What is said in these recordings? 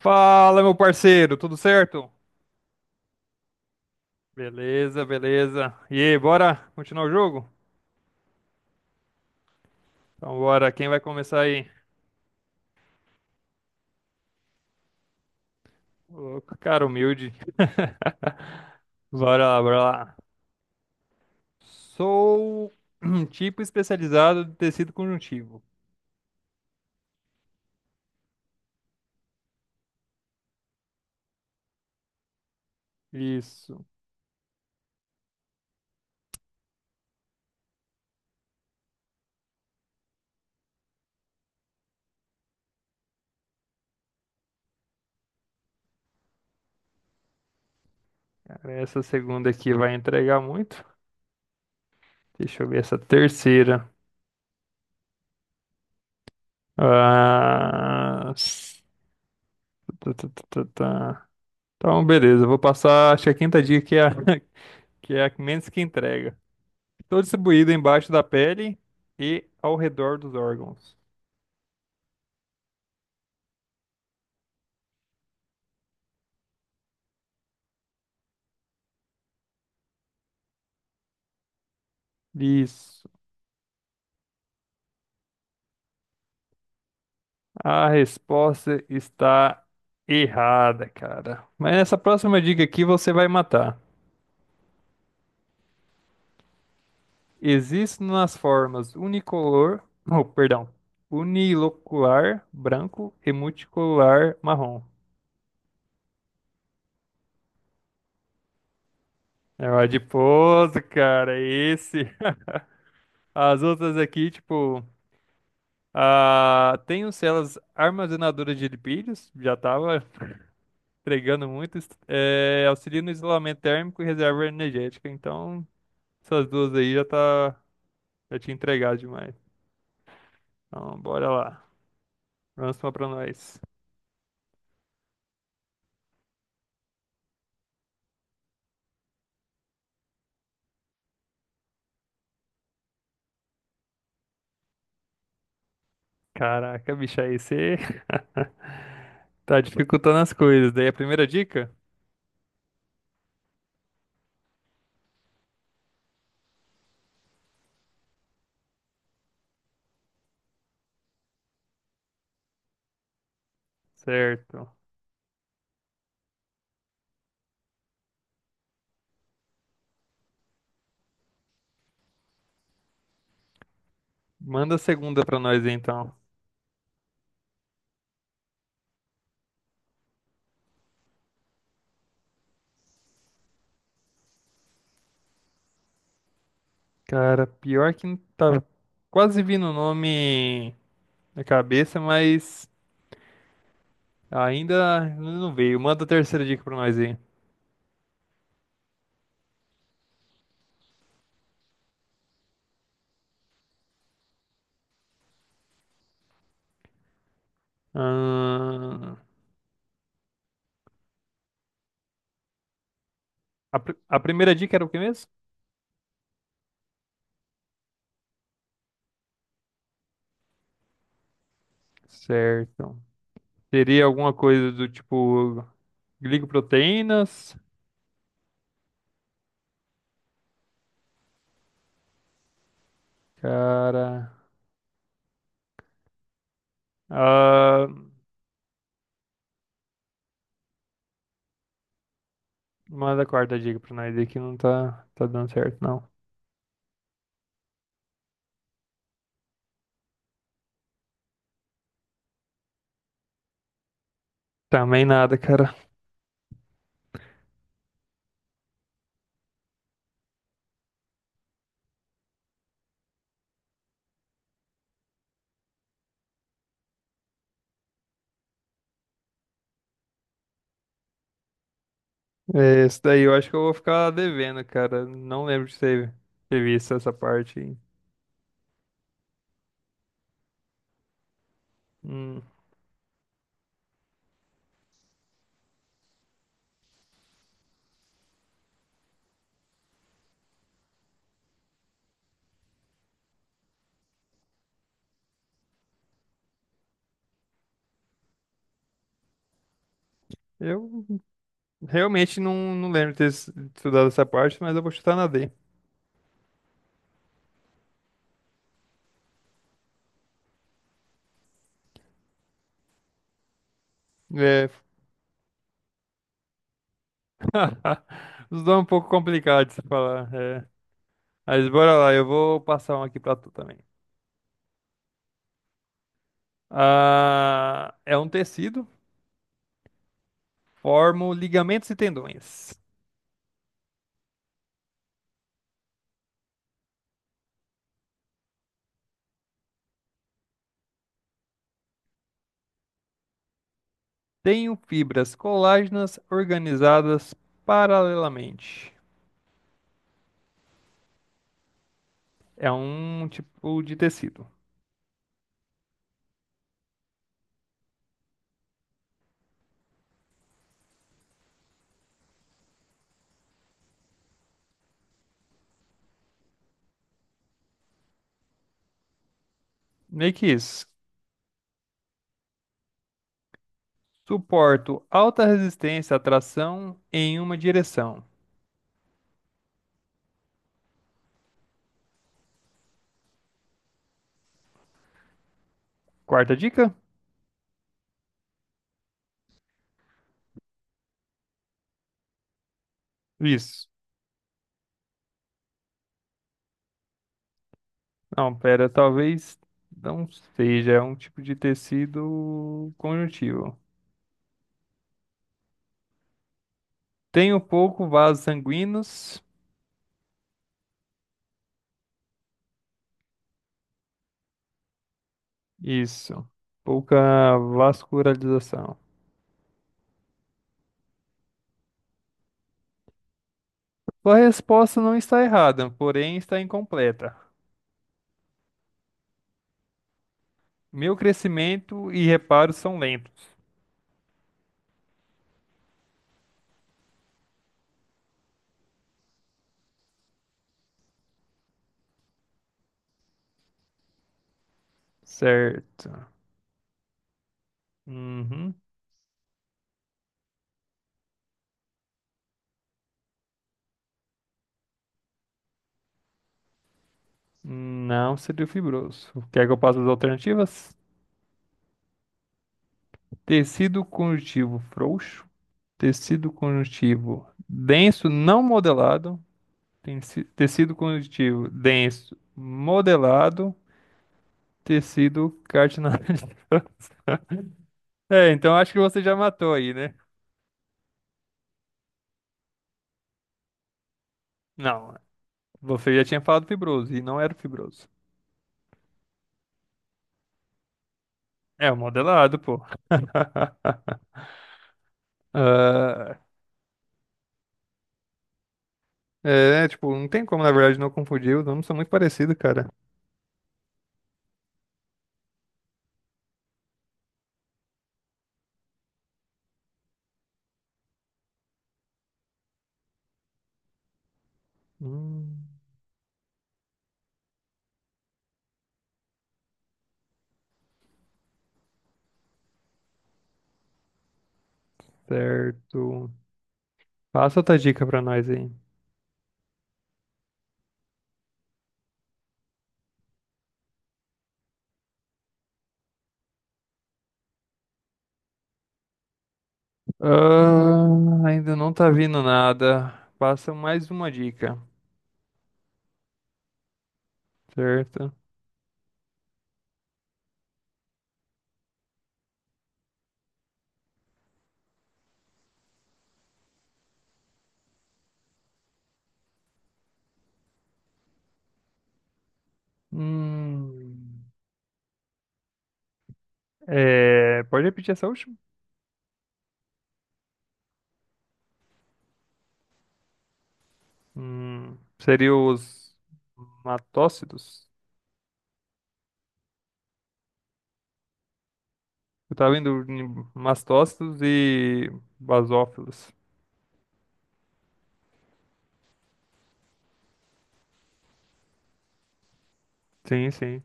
Fala, meu parceiro, tudo certo? Beleza, beleza. E aí, bora continuar o jogo? Então, bora. Quem vai começar aí? Ô, Louco, cara humilde. Bora lá, bora lá. Sou um tipo especializado de tecido conjuntivo. Isso. Cara, essa segunda aqui vai entregar muito. Deixa eu ver essa terceira. Ah... s- tá, tá, tá, tá, tá. Então, beleza. Eu Vou passar, acho que a quinta dica que é a menos que entrega. Estou distribuído embaixo da pele e ao redor dos órgãos. Isso. A resposta está errada, cara. Mas nessa próxima dica aqui você vai matar. Existe nas formas unicolor, oh, perdão, unilocular branco e multicolor marrom. É o adiposo, cara, é esse. As outras aqui, tipo, ah, tenho células armazenadoras de lipídios, já tava entregando muito, é, auxilia no isolamento térmico e reserva energética. Então, essas duas aí já tá, já tinha entregado demais. Então, bora lá. Próxima pra nós. Caraca, bicho, aí você tá dificultando as coisas. Daí a primeira dica? Certo. Manda a segunda pra nós então. Cara, pior que não tá quase vindo o nome na cabeça, mas ainda não veio. Manda a terceira dica pra nós aí. Ahn, a primeira dica era o que mesmo? Certo. Seria alguma coisa do tipo glicoproteínas? Cara. Ah, manda a quarta dica pra nós aí que não tá, tá dando certo, não. Também nada, cara. É, esse daí eu acho que eu vou ficar devendo, cara. Não lembro ter visto essa parte aí. Hum, eu realmente não lembro de estudado essa parte, mas eu vou chutar na D. É. Os dois é um pouco complicado de se falar. É. Mas bora lá, eu vou passar um aqui pra tu também. Ah, é um tecido, formo ligamentos e tendões. Tenho fibras colágenas organizadas paralelamente. É um tipo de tecido. Meio que isso. Suporto alta resistência à tração em uma direção. Quarta dica? Isso. Não, pera, talvez não seja. É um tipo de tecido conjuntivo. Tenho pouco vasos sanguíneos. Isso. Pouca vascularização. Sua resposta não está errada, porém está incompleta. Meu crescimento e reparo são lentos. Certo. Uhum. Não seria fibroso. Quer que eu passe as alternativas? Tecido conjuntivo frouxo, tecido conjuntivo denso não modelado, tecido conjuntivo denso modelado, tecido cartilaginoso. É, então acho que você já matou aí, né? Não, você já tinha falado fibroso e não era fibroso. É o modelado, pô. Ah, é, tipo, não tem como, na verdade, não confundir. Os nomes são muito parecidos, cara. Hum, certo. Passa outra dica pra nós aí. Ah, ainda não tá vindo nada. Passa mais uma dica, certo? Hum, é, pode repetir essa última? Seria os matócidos? Eu tava em mastócitos e basófilos. Sim, sim.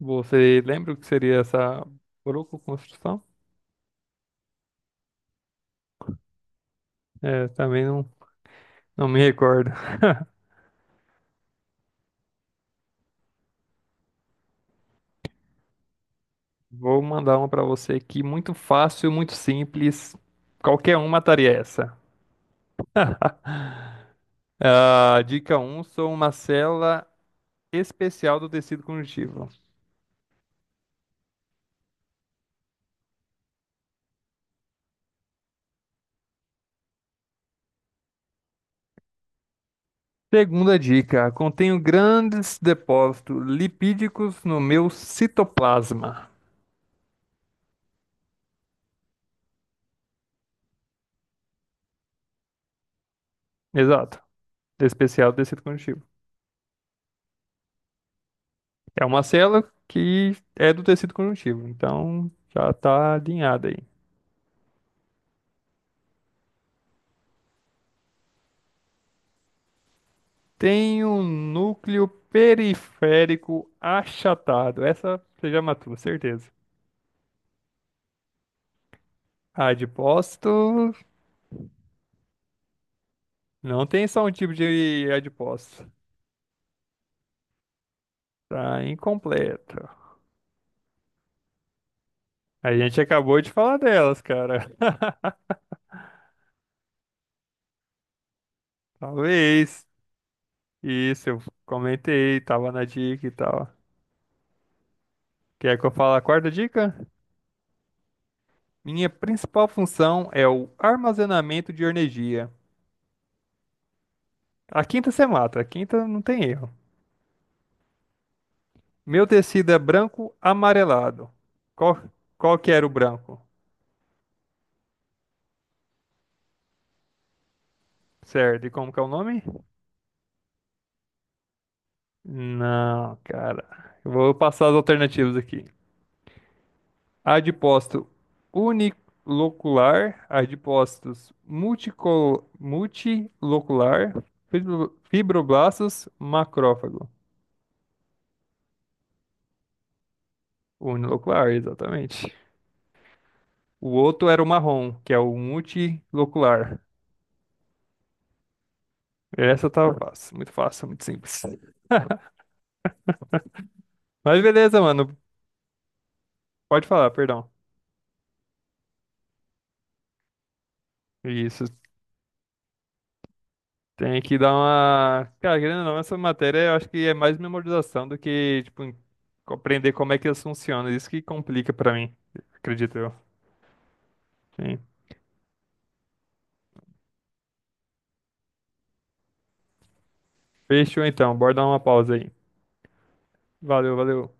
Você lembra o que seria essa broncoconstrução? É, também não me recordo. Vou mandar uma pra você aqui, muito fácil, muito simples. Qualquer um mataria essa. Ah, dica um sou uma célula especial do tecido conjuntivo. Segunda dica, contenho grandes depósitos lipídicos no meu citoplasma. Exato, especial do tecido conjuntivo. É uma célula que é do tecido conjuntivo, então já está alinhada aí. Tem um núcleo periférico achatado. Essa você já matou, certeza. Adipócito não tem só um tipo de adipócito. Tá incompleto. A gente acabou de falar delas, cara. Talvez. Isso, eu comentei, tava na dica e tal. Quer que eu fale a quarta dica? Minha principal função é o armazenamento de energia. A quinta você mata, a quinta não tem erro. Meu tecido é branco amarelado. Qual, qual que era o branco? Certo, e como que é o nome? Não, cara. Eu vou passar as alternativas aqui. Adipócito unilocular, adipócitos multilocular, fibroblastos, macrófago. Unilocular, exatamente. O outro era o marrom, que é o multilocular. Essa tá fácil, muito simples. Mas beleza, mano. Pode falar, perdão. Isso. Tem que dar uma. Cara, querendo ou não, essa matéria eu acho que é mais memorização do que, tipo, compreender como é que elas funcionam. Isso que complica pra mim, acredito eu. Sim. Fechou então, bora dar uma pausa aí. Valeu, valeu.